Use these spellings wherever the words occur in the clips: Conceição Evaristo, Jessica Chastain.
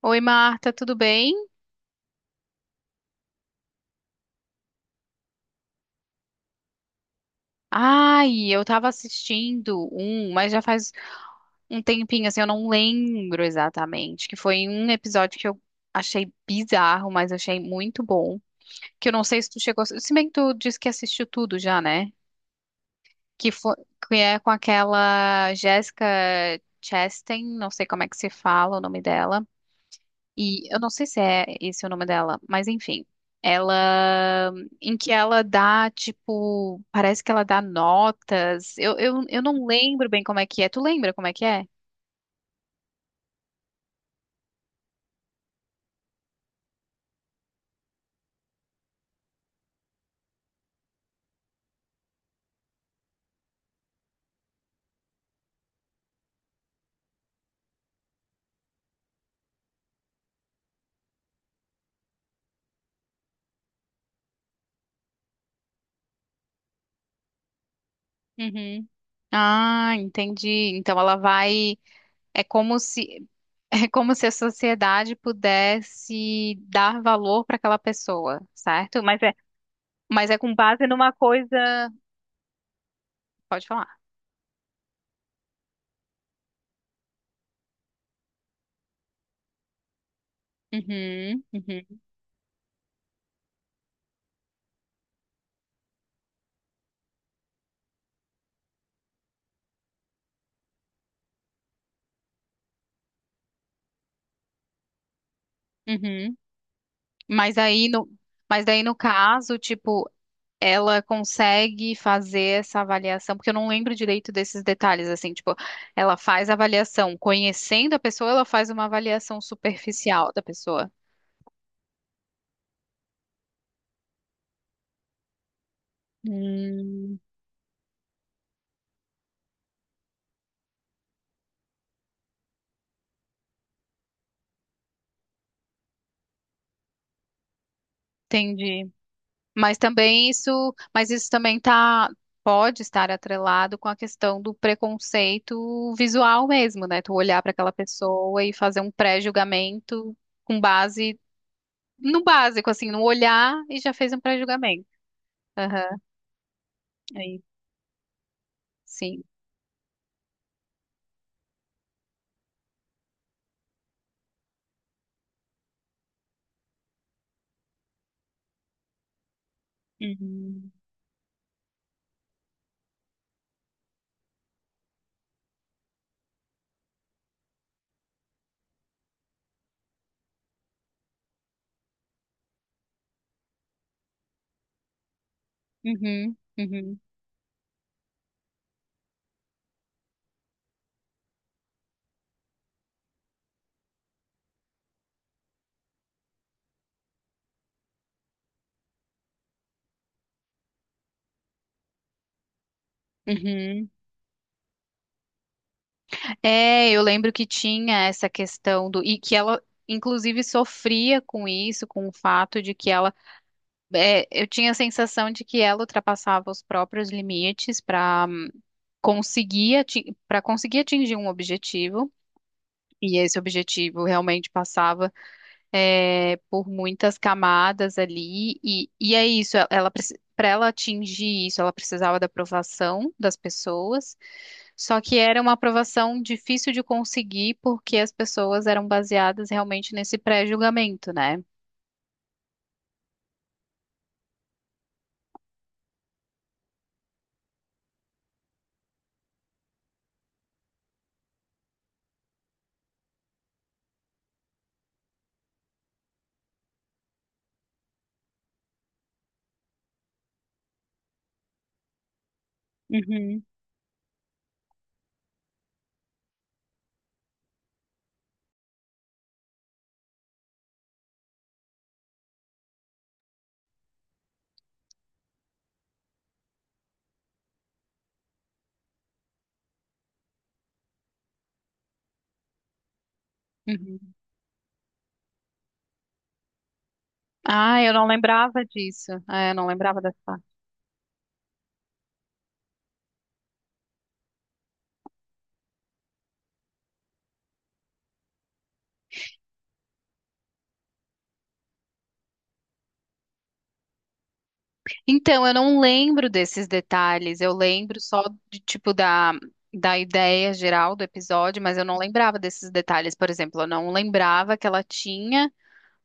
Oi, Marta, tudo bem? Ai, eu tava assistindo um, mas já faz um tempinho, assim, eu não lembro exatamente, que foi um episódio que eu achei bizarro, mas achei muito bom, que eu não sei se tu chegou, se bem que tu disse que assistiu tudo já, né? Que foi, que é com aquela Jessica Chastain, não sei como é que se fala o nome dela. E eu não sei se é esse o nome dela, mas enfim. Ela, em que ela dá, tipo, parece que ela dá notas. Eu não lembro bem como é que é. Tu lembra como é que é? Uhum. Ah, entendi. Então ela vai, é como se, é como se a sociedade pudesse dar valor para aquela pessoa, certo? Mas é com base numa coisa. Pode falar. Uhum. Uhum. Uhum. Mas aí no, mas daí no caso, tipo, ela consegue fazer essa avaliação, porque eu não lembro direito desses detalhes, assim, tipo, ela faz a avaliação conhecendo a pessoa, ela faz uma avaliação superficial da pessoa. Hum, entendi. Mas também isso, mas isso também tá, pode estar atrelado com a questão do preconceito visual mesmo, né? Tu olhar para aquela pessoa e fazer um pré-julgamento com base no básico, assim, no olhar e já fez um pré-julgamento. Aham, aí, sim. Uhum, uhum, uhum, uhum. É, eu lembro que tinha essa questão do. E que ela, inclusive, sofria com isso, com o fato de que ela. É, eu tinha a sensação de que ela ultrapassava os próprios limites conseguir, para conseguir atingir um objetivo. E esse objetivo realmente passava é, por muitas camadas ali, e é isso, ela, para ela atingir isso, ela precisava da aprovação das pessoas, só que era uma aprovação difícil de conseguir porque as pessoas eram baseadas realmente nesse pré-julgamento, né? Uhum, uhum. Uhum. Ah, eu não lembrava disso. Ah, eu não lembrava dessa. Então, eu não lembro desses detalhes, eu lembro só de tipo da, da ideia geral do episódio, mas eu não lembrava desses detalhes. Por exemplo, eu não lembrava que ela tinha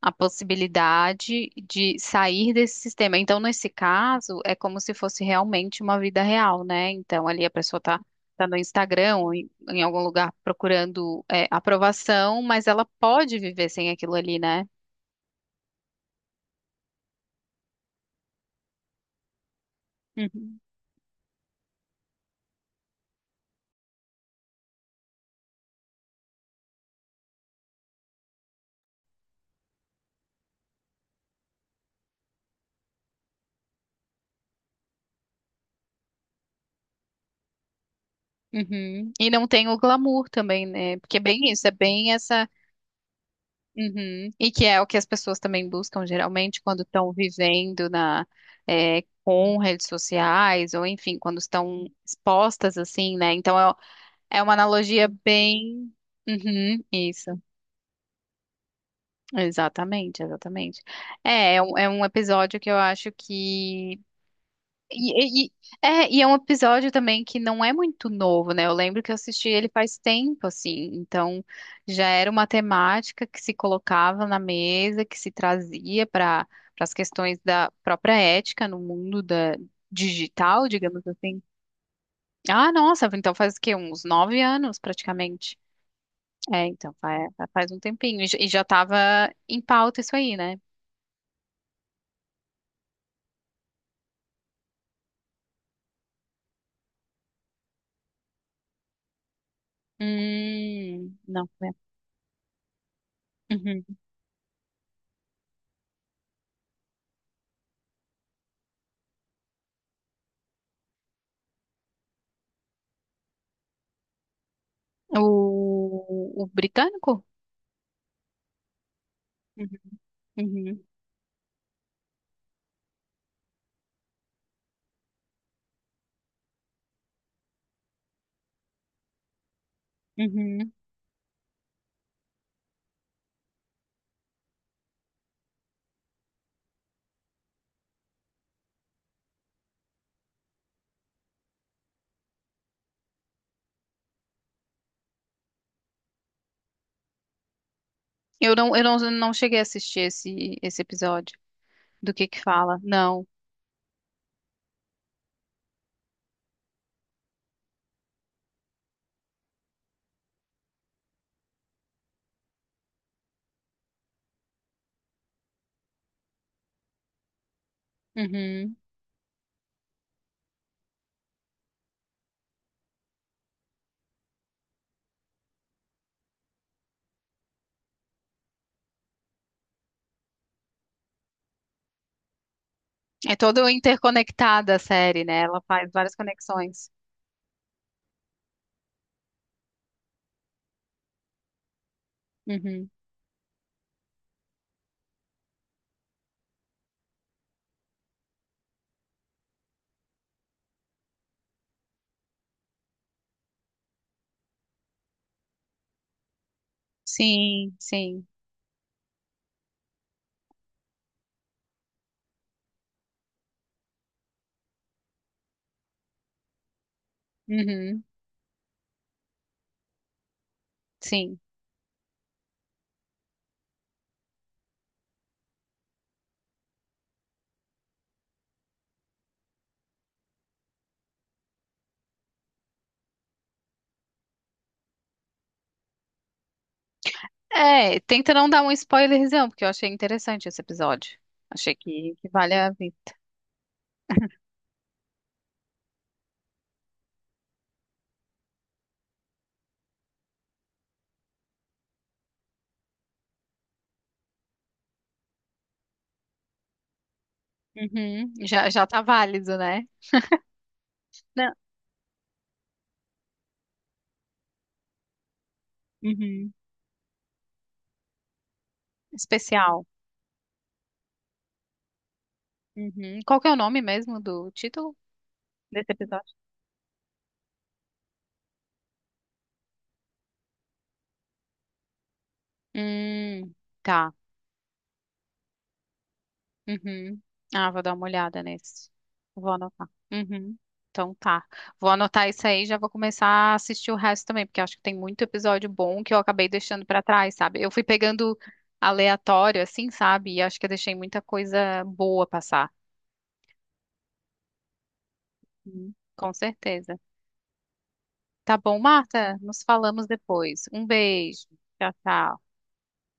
a possibilidade de sair desse sistema. Então, nesse caso, é como se fosse realmente uma vida real, né? Então, ali a pessoa tá, tá no Instagram ou em, em algum lugar procurando, é, aprovação, mas ela pode viver sem aquilo ali, né? Uhum. Uhum. E não tem o glamour também, né? Porque é bem isso, é bem essa. Uhum. E que é o que as pessoas também buscam geralmente quando estão vivendo na, é, com redes sociais, ou enfim, quando estão expostas assim, né? Então é, é uma analogia bem. Uhum, isso, exatamente, exatamente. É, é um episódio que eu acho que E, e- é, e é um episódio também que não é muito novo, né? Eu lembro que eu assisti ele faz tempo, assim. Então, já era uma temática que se colocava na mesa, que se trazia para para as questões da própria ética no mundo da digital, digamos assim. Ah, nossa, então faz o quê? Uns 9 anos, praticamente. É, então, faz, um tempinho. E, e já estava em pauta isso aí, né? Não, né? Uhum. O britânico? Uhum, uhum. Eu não cheguei a assistir esse, esse episódio. Do que fala? Não. Uhum. É toda interconectada a série, né? Ela faz várias conexões. Uhum. Sim, sim. Uhum, sim. É, tenta não dar um spoilerzão, porque eu achei interessante esse episódio. Achei que vale a vida. Uhum. Já, já tá válido, né? Não. Uhum. Especial. Uhum. Qual que é o nome mesmo do título desse episódio? Hum, tá. Uhum. Ah, vou dar uma olhada nesse. Vou anotar. Uhum. Então tá. Vou anotar isso aí e já vou começar a assistir o resto também, porque acho que tem muito episódio bom que eu acabei deixando pra trás, sabe? Eu fui pegando aleatório, assim, sabe? E acho que eu deixei muita coisa boa passar. Uhum. Com certeza. Tá bom, Marta? Nos falamos depois. Um beijo. Tchau, tchau.